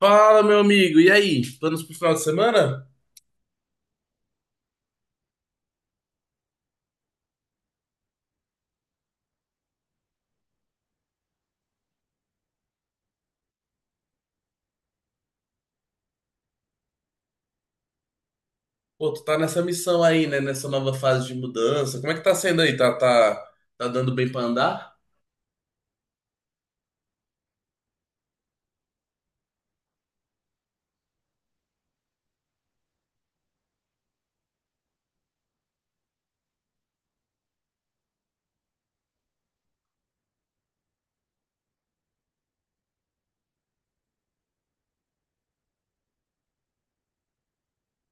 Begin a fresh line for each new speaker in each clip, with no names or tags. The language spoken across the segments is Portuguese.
Fala, meu amigo. E aí? Planos pro final de semana? Pô, tu tá nessa missão aí, né? Nessa nova fase de mudança. Como é que tá sendo aí? Tá, tá dando bem pra andar?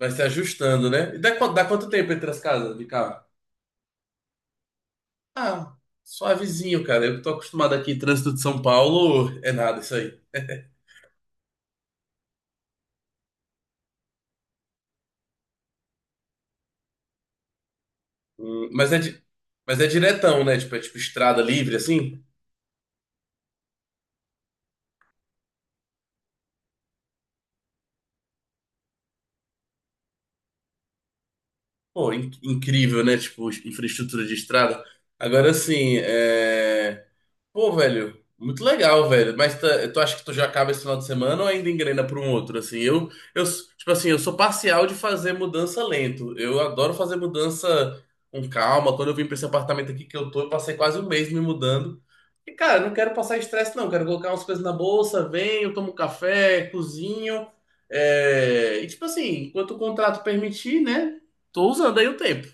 Vai se ajustando, né? E dá, dá quanto tempo entre as casas de carro? Ah, suavezinho, cara. Eu que tô acostumado aqui, trânsito de São Paulo, é nada isso aí. Hum, mas é, di- mas é diretão, né? Tipo, é tipo estrada livre, assim. Pô, incrível, né? Tipo, infraestrutura de estrada. Agora, assim, é. Pô, velho, muito legal, velho. Mas tu acha que tu já acaba esse final de semana ou ainda engrena para um outro? Assim, eu, tipo assim, eu sou parcial de fazer mudança lento. Eu adoro fazer mudança com calma. Quando eu vim para esse apartamento aqui que eu tô, eu passei quase um mês me mudando. E, cara, não quero passar estresse, não. Quero colocar umas coisas na bolsa, venho, tomo um café, cozinho. E, tipo assim, enquanto o contrato permitir, né? Tô usando aí o tempo.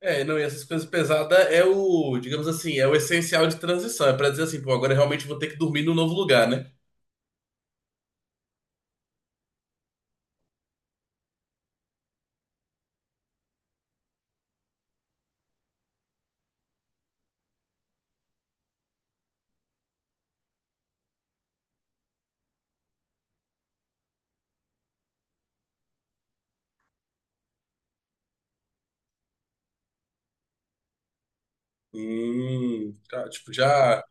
É, não, e essas coisas pesadas é o, digamos assim, é o essencial de transição. É pra dizer assim, pô, agora eu realmente vou ter que dormir num novo lugar, né? Tá,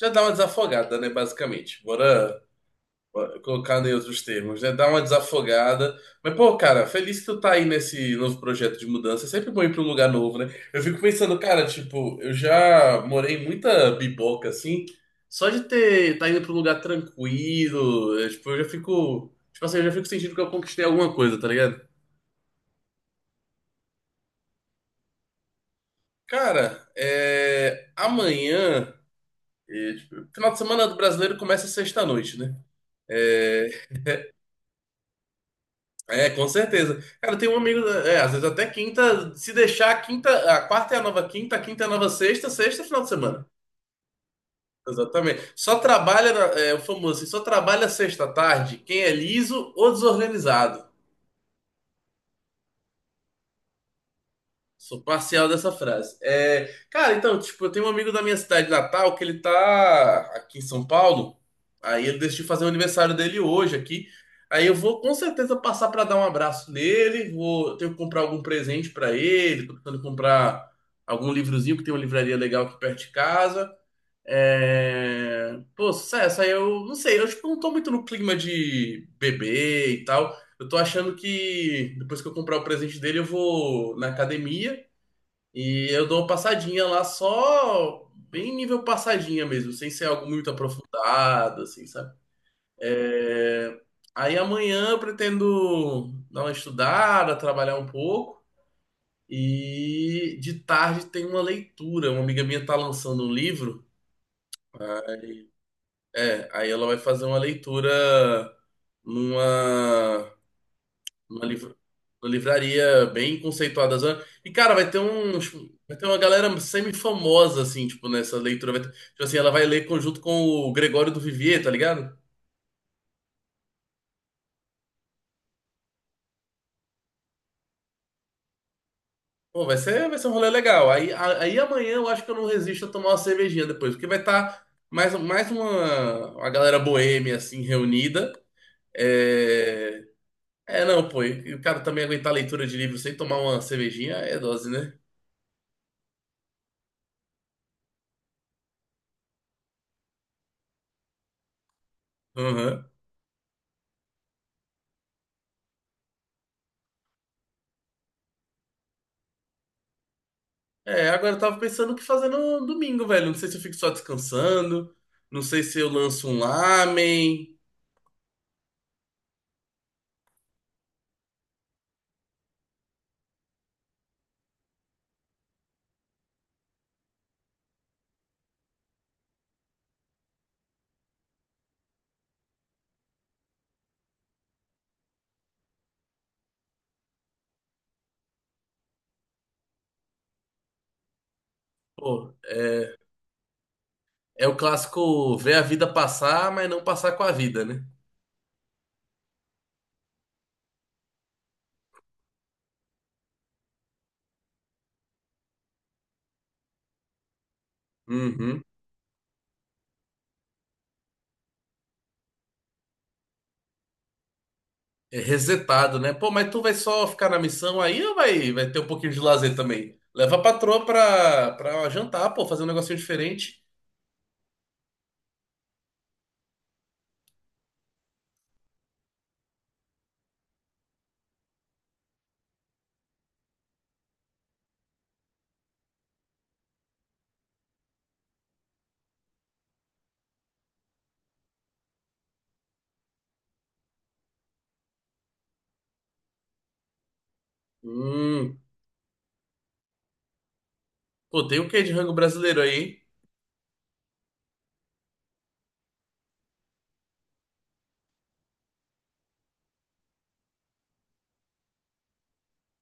já dá uma desafogada, né, basicamente. Bora. Colocado em outros termos, né? Dá uma desafogada. Mas, pô, cara, feliz que tu tá aí nesse novo projeto de mudança. É sempre bom ir pra um lugar novo, né? Eu fico pensando, cara, tipo, eu já morei em muita biboca, assim. Só de ter, tá indo pra um lugar tranquilo, é, tipo, eu já fico. Tipo assim, eu já fico sentindo que eu conquistei alguma coisa, tá ligado? Cara, é, amanhã. É, tipo, final de semana do brasileiro começa sexta-noite, né? É, É, com certeza. Cara, tem um amigo, é, às vezes até quinta, se deixar a quinta, a quarta é a nova quinta, a quinta é a nova sexta, sexta é final de semana. Exatamente. É o famoso, assim, só trabalha sexta à tarde quem é liso ou desorganizado. Sou parcial dessa frase. É, cara, então, tipo, eu tenho um amigo da minha cidade natal que ele tá aqui em São Paulo. Aí ele decidiu fazer o aniversário dele hoje aqui. Aí eu vou com certeza passar pra dar um abraço nele. Vou ter que comprar algum presente pra ele. Tô tentando comprar algum livrozinho, que tem uma livraria legal aqui perto de casa. É... Pô, sucesso. Aí eu não sei, eu tipo, não tô muito no clima de beber e tal. Eu tô achando que depois que eu comprar o presente dele, eu vou na academia. E eu dou uma passadinha lá só bem nível passadinha mesmo, sem ser algo muito aprofundado, assim, sabe? É, aí amanhã eu pretendo dar uma estudada, trabalhar um pouco. E de tarde tem uma leitura. Uma amiga minha tá lançando um livro. Aí... É, aí ela vai fazer uma leitura numa Uma, liv- uma livraria bem conceituada. Zona. E, cara, vai ter uns. Vai ter uma galera semi-famosa, assim, tipo, nessa leitura. Tipo assim, ela vai ler conjunto com o Gregório do Vivier, tá ligado? Pô, vai ser um rolê legal. Aí amanhã eu acho que eu não resisto a tomar uma cervejinha depois, porque vai estar mais, uma galera boêmia, assim, reunida. É. É, não, pô, e o cara também aguentar a leitura de livro sem tomar uma cervejinha é dose, né? Aham. É, agora eu tava pensando o que fazer no domingo, velho. Não sei se eu fico só descansando, não sei se eu lanço um lamen. Pô, é, é o clássico ver a vida passar, mas não passar com a vida, né? Uhum. É resetado, né? Pô, mas tu vai só ficar na missão aí ou vai ter um pouquinho de lazer também? Leva a patroa pra jantar, pô, fazer um negocinho diferente. Hum. Pô, tem o quê de rango brasileiro aí, hein?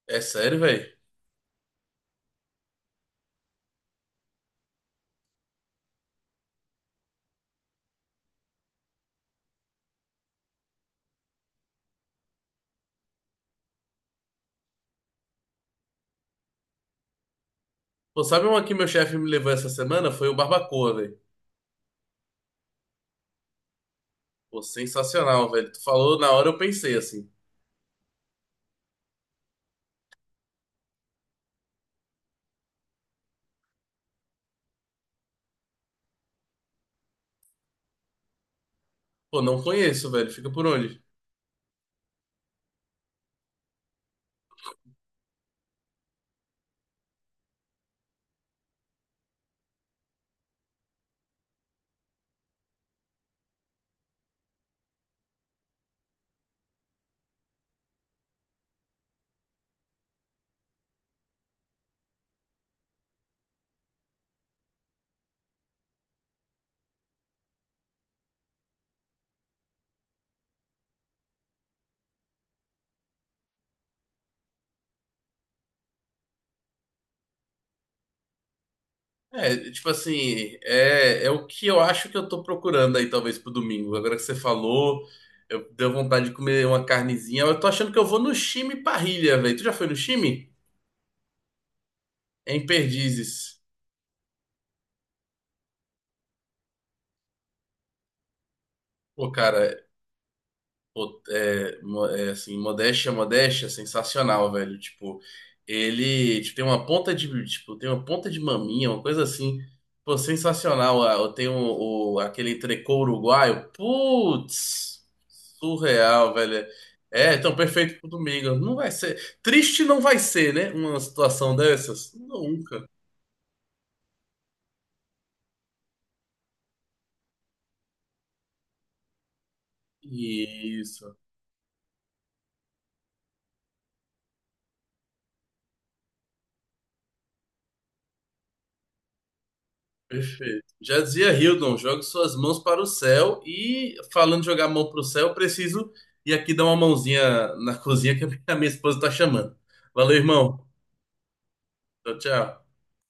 É sério, velho? Pô, sabe uma que meu chefe me levou essa semana? Foi o Barbacoa, velho. Pô, sensacional, velho. Tu falou, na hora eu pensei assim. Pô, não conheço, velho. Fica por onde? É, tipo assim, é o que eu acho que eu tô procurando aí, talvez, pro domingo. Agora que você falou, eu deu vontade de comer uma carnezinha. Eu tô achando que eu vou no Chime Parrilha, velho. Tu já foi no Chime? É em Perdizes. Pô, cara, pô, é, assim, modéstia, sensacional, velho. Tipo, ele, tipo, tem uma ponta de, tipo, tem uma ponta de maminha, uma coisa assim. Pô, sensacional. Ah, eu tenho aquele entrecô uruguaio. Putz, surreal, velho. É, então perfeito pro domingo. Não vai ser. Triste não vai ser, né? Uma situação dessas? Nunca. Isso. Perfeito. Já dizia Hildon, jogue suas mãos para o céu e falando de jogar a mão para o céu, eu preciso ir aqui dar uma mãozinha na cozinha que a minha a minha esposa está chamando. Valeu, irmão. Tchau, tchau.